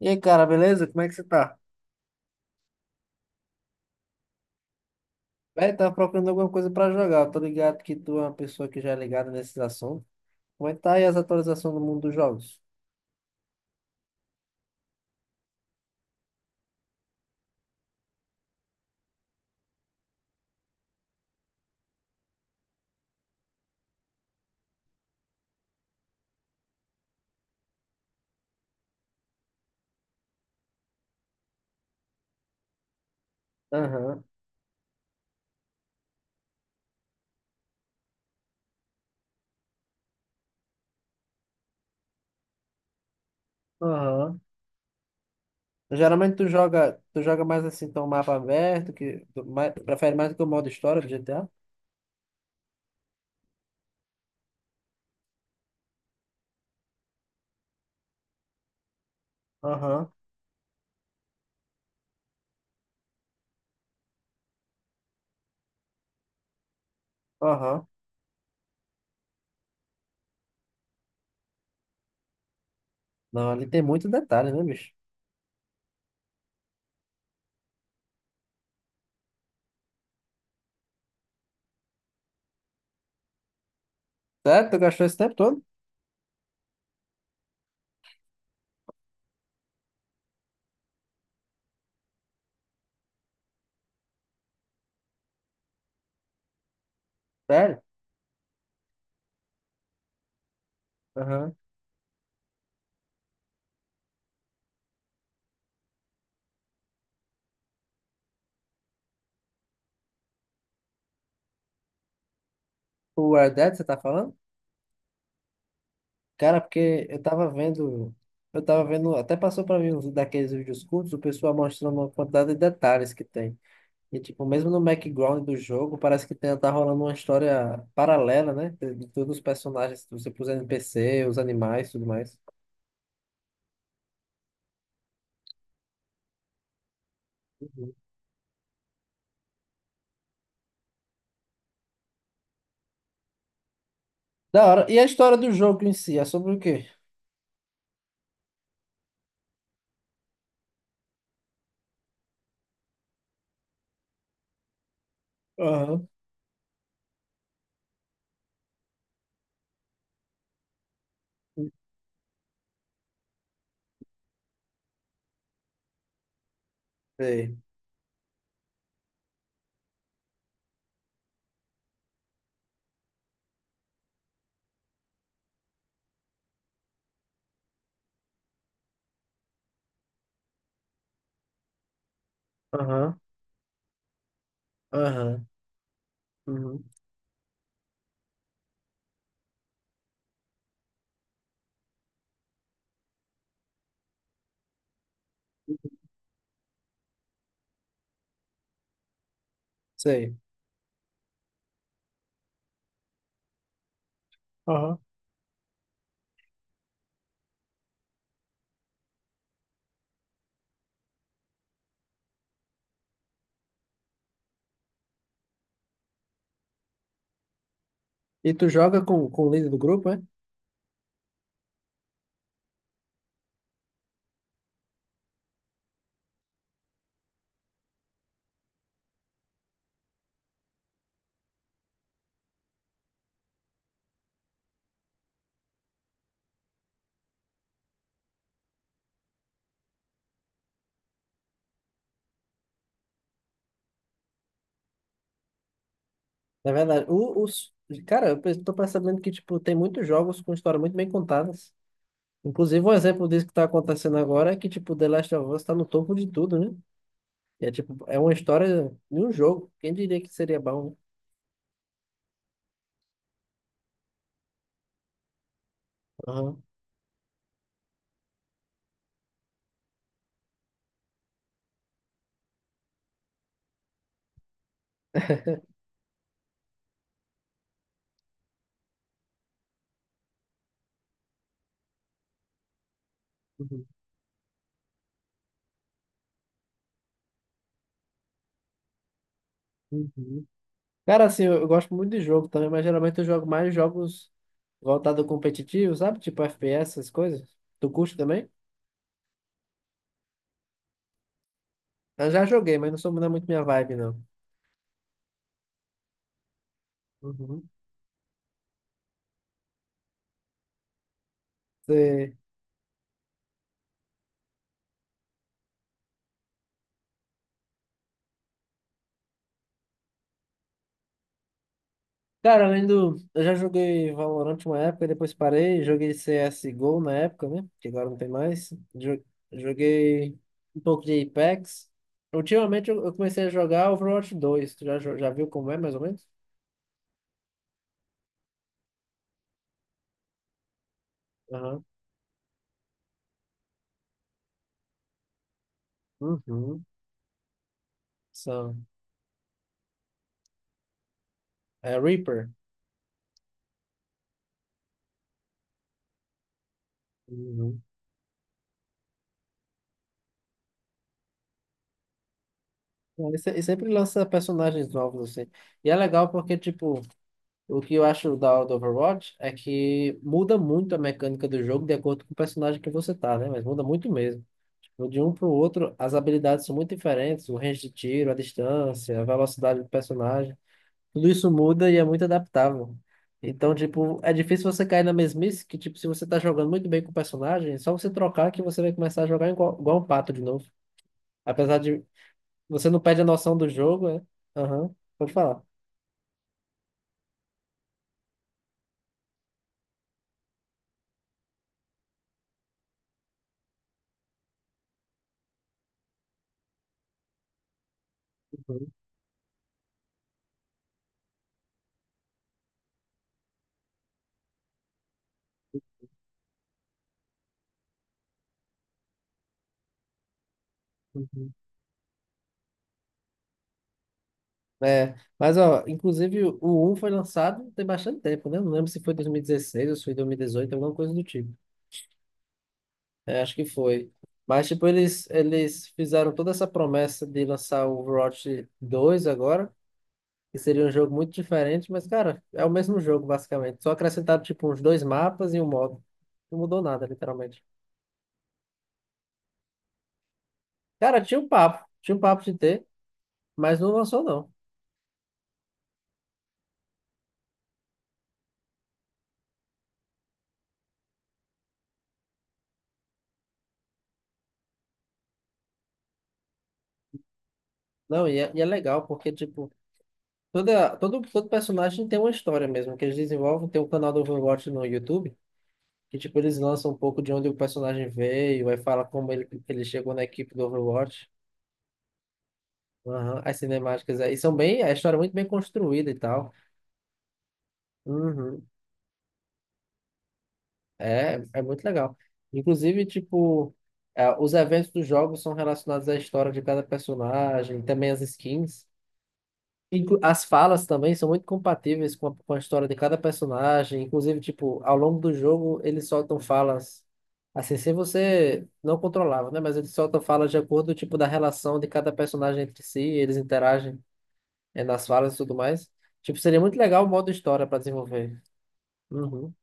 E aí, cara, beleza? Como é que você tá? Velho, tava procurando alguma coisa pra jogar. Eu tô ligado que tu é uma pessoa que já é ligada nesses assuntos. Como é que tá aí as atualizações do mundo dos jogos? Aham, aham. Geralmente tu joga mais assim, então mapa aberto, que tu mais, prefere mais do que o modo história do GTA? Aham, aham. Não, ali tem muito detalhe, né, bicho? Sério? Tu gastou esse tempo todo? Sério? Aham. O Red Dead, você tá falando? Cara, porque eu tava vendo, até passou pra mim uns daqueles vídeos curtos, o pessoal mostrando uma quantidade de detalhes que tem. E tipo, mesmo no background do jogo, parece que tem, tá rolando uma história paralela, né? De todos os personagens, você pôs NPC, os animais, tudo mais. Uhum. Da hora. E a história do jogo em si, é sobre o quê? Aham. Sei. Aham. Aham. Uhum. Sei. Aham. E tu joga com o líder do grupo, é? Na verdade, cara, eu tô percebendo que, tipo, tem muitos jogos com história muito bem contadas. Inclusive, um exemplo disso que tá acontecendo agora é que, tipo, The Last of Us tá no topo de tudo, né? Tipo, é uma história de um jogo. Quem diria que seria bom, né? Aham. Uhum. Uhum. Cara, assim, eu gosto muito de jogo também, mas geralmente eu jogo mais jogos voltados ao competitivo, sabe? Tipo FPS, essas coisas. Tu curte também? Eu já joguei, mas não é muito minha vibe, não. Uhum. Cara, além do. Eu já joguei Valorant uma época, depois parei. Joguei CSGO na época, né? Que agora não tem mais. Joguei um pouco de Apex. Ultimamente eu comecei a jogar Overwatch 2. Tu já viu como é, mais ou menos? Aham. Uhum. São. É Reaper. Uhum. É. E se- e sempre lança personagens novos, assim. E é legal porque, tipo, o que eu acho da hora do Overwatch é que muda muito a mecânica do jogo de acordo com o personagem que você tá, né? Mas muda muito mesmo. O De um para o outro, as habilidades são muito diferentes, o range de tiro, a distância, a velocidade do personagem, tudo isso muda e é muito adaptável. Então, tipo, é difícil você cair na mesmice que, tipo, se você tá jogando muito bem com o personagem, é só você trocar que você vai começar a jogar igual um pato de novo. Apesar de você não perde a noção do jogo, é. Aham, pode falar. Uhum, uhum. É, mas ó, inclusive o um foi lançado tem bastante tempo, né? Não lembro se foi 2016 ou se foi 2018, alguma coisa do tipo. É, acho que foi. Mas, tipo, eles fizeram toda essa promessa de lançar o Overwatch 2 agora, que seria um jogo muito diferente, mas, cara, é o mesmo jogo, basicamente. Só acrescentaram, tipo, uns dois mapas e um modo. Não mudou nada, literalmente. Cara, tinha um papo de ter, mas não lançou, não. Não, e é legal, porque, tipo, todo personagem tem uma história mesmo, que eles desenvolvem. Tem um canal do Overwatch no YouTube, que, tipo, eles lançam um pouco de onde o personagem veio, aí fala como ele chegou na equipe do Overwatch. Aham. As cinemáticas aí são bem, a história é muito bem construída e tal. Uhum. É muito legal. Inclusive, tipo, é, os eventos dos jogos são relacionados à história de cada personagem, também as skins. As falas também são muito compatíveis com a história de cada personagem. Inclusive, tipo, ao longo do jogo, eles soltam falas. Assim, se você não controlava, né? Mas eles soltam falas de acordo, tipo, da relação de cada personagem entre si, eles interagem. É, nas falas e tudo mais. Tipo, seria muito legal o modo história pra desenvolver. Uhum,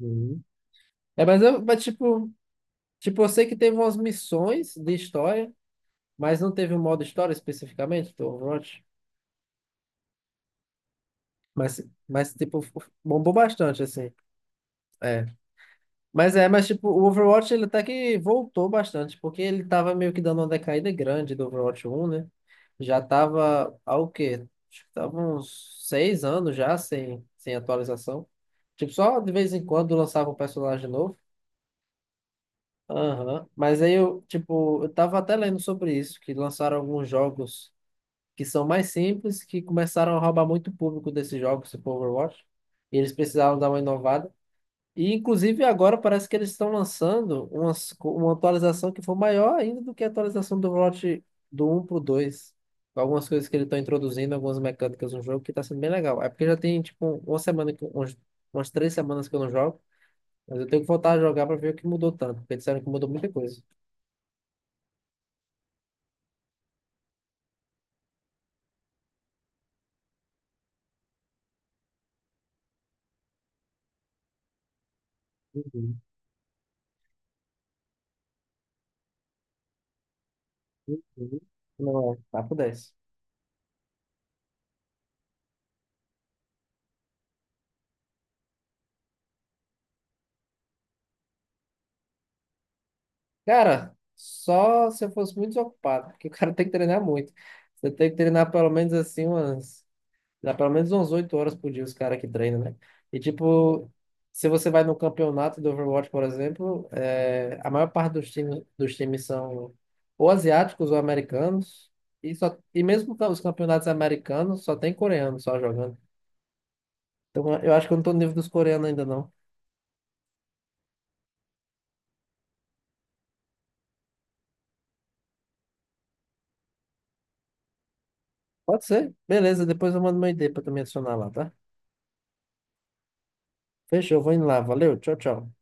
uhum. É, mas tipo, eu sei que teve umas missões de história, mas não teve um modo história especificamente do Overwatch. Mas, mas tipo, bombou bastante, assim. É. Mas tipo, o Overwatch ele até que voltou bastante, porque ele tava meio que dando uma decaída grande do Overwatch 1, né? Já tava há o quê? Acho que tava uns 6 anos já sem atualização. Tipo, só de vez em quando lançava um personagem novo. Aham. Mas aí tipo, eu tava até lendo sobre isso, que lançaram alguns jogos que são mais simples, que começaram a roubar muito público desses jogos, tipo Overwatch. E eles precisaram dar uma inovada. E, inclusive, agora parece que eles estão lançando uma atualização que for maior ainda do que a atualização do lote do um para o dois. Algumas coisas que eles estão introduzindo, algumas mecânicas no jogo, que está sendo bem legal. É porque já tem, tipo, umas 3 semanas que eu não jogo, mas eu tenho que voltar a jogar para ver o que mudou tanto, porque disseram que mudou muita coisa. Uhum, uhum. Não é, papo dez. Cara, só se eu fosse muito desocupado, porque o cara tem que treinar muito. Você tem que treinar pelo menos assim umas. Dá pelo menos umas 8 horas por dia os caras que treinam, né? E tipo, se você vai no campeonato do Overwatch, por exemplo, é, a maior parte dos times são ou asiáticos ou americanos. E mesmo os campeonatos americanos só tem coreano só jogando. Então eu acho que eu não tô no nível dos coreanos ainda não. Pode ser? Beleza, depois eu mando meu ID pra tu me adicionar lá, tá? Fechou, vou indo lá. Valeu, tchau, tchau.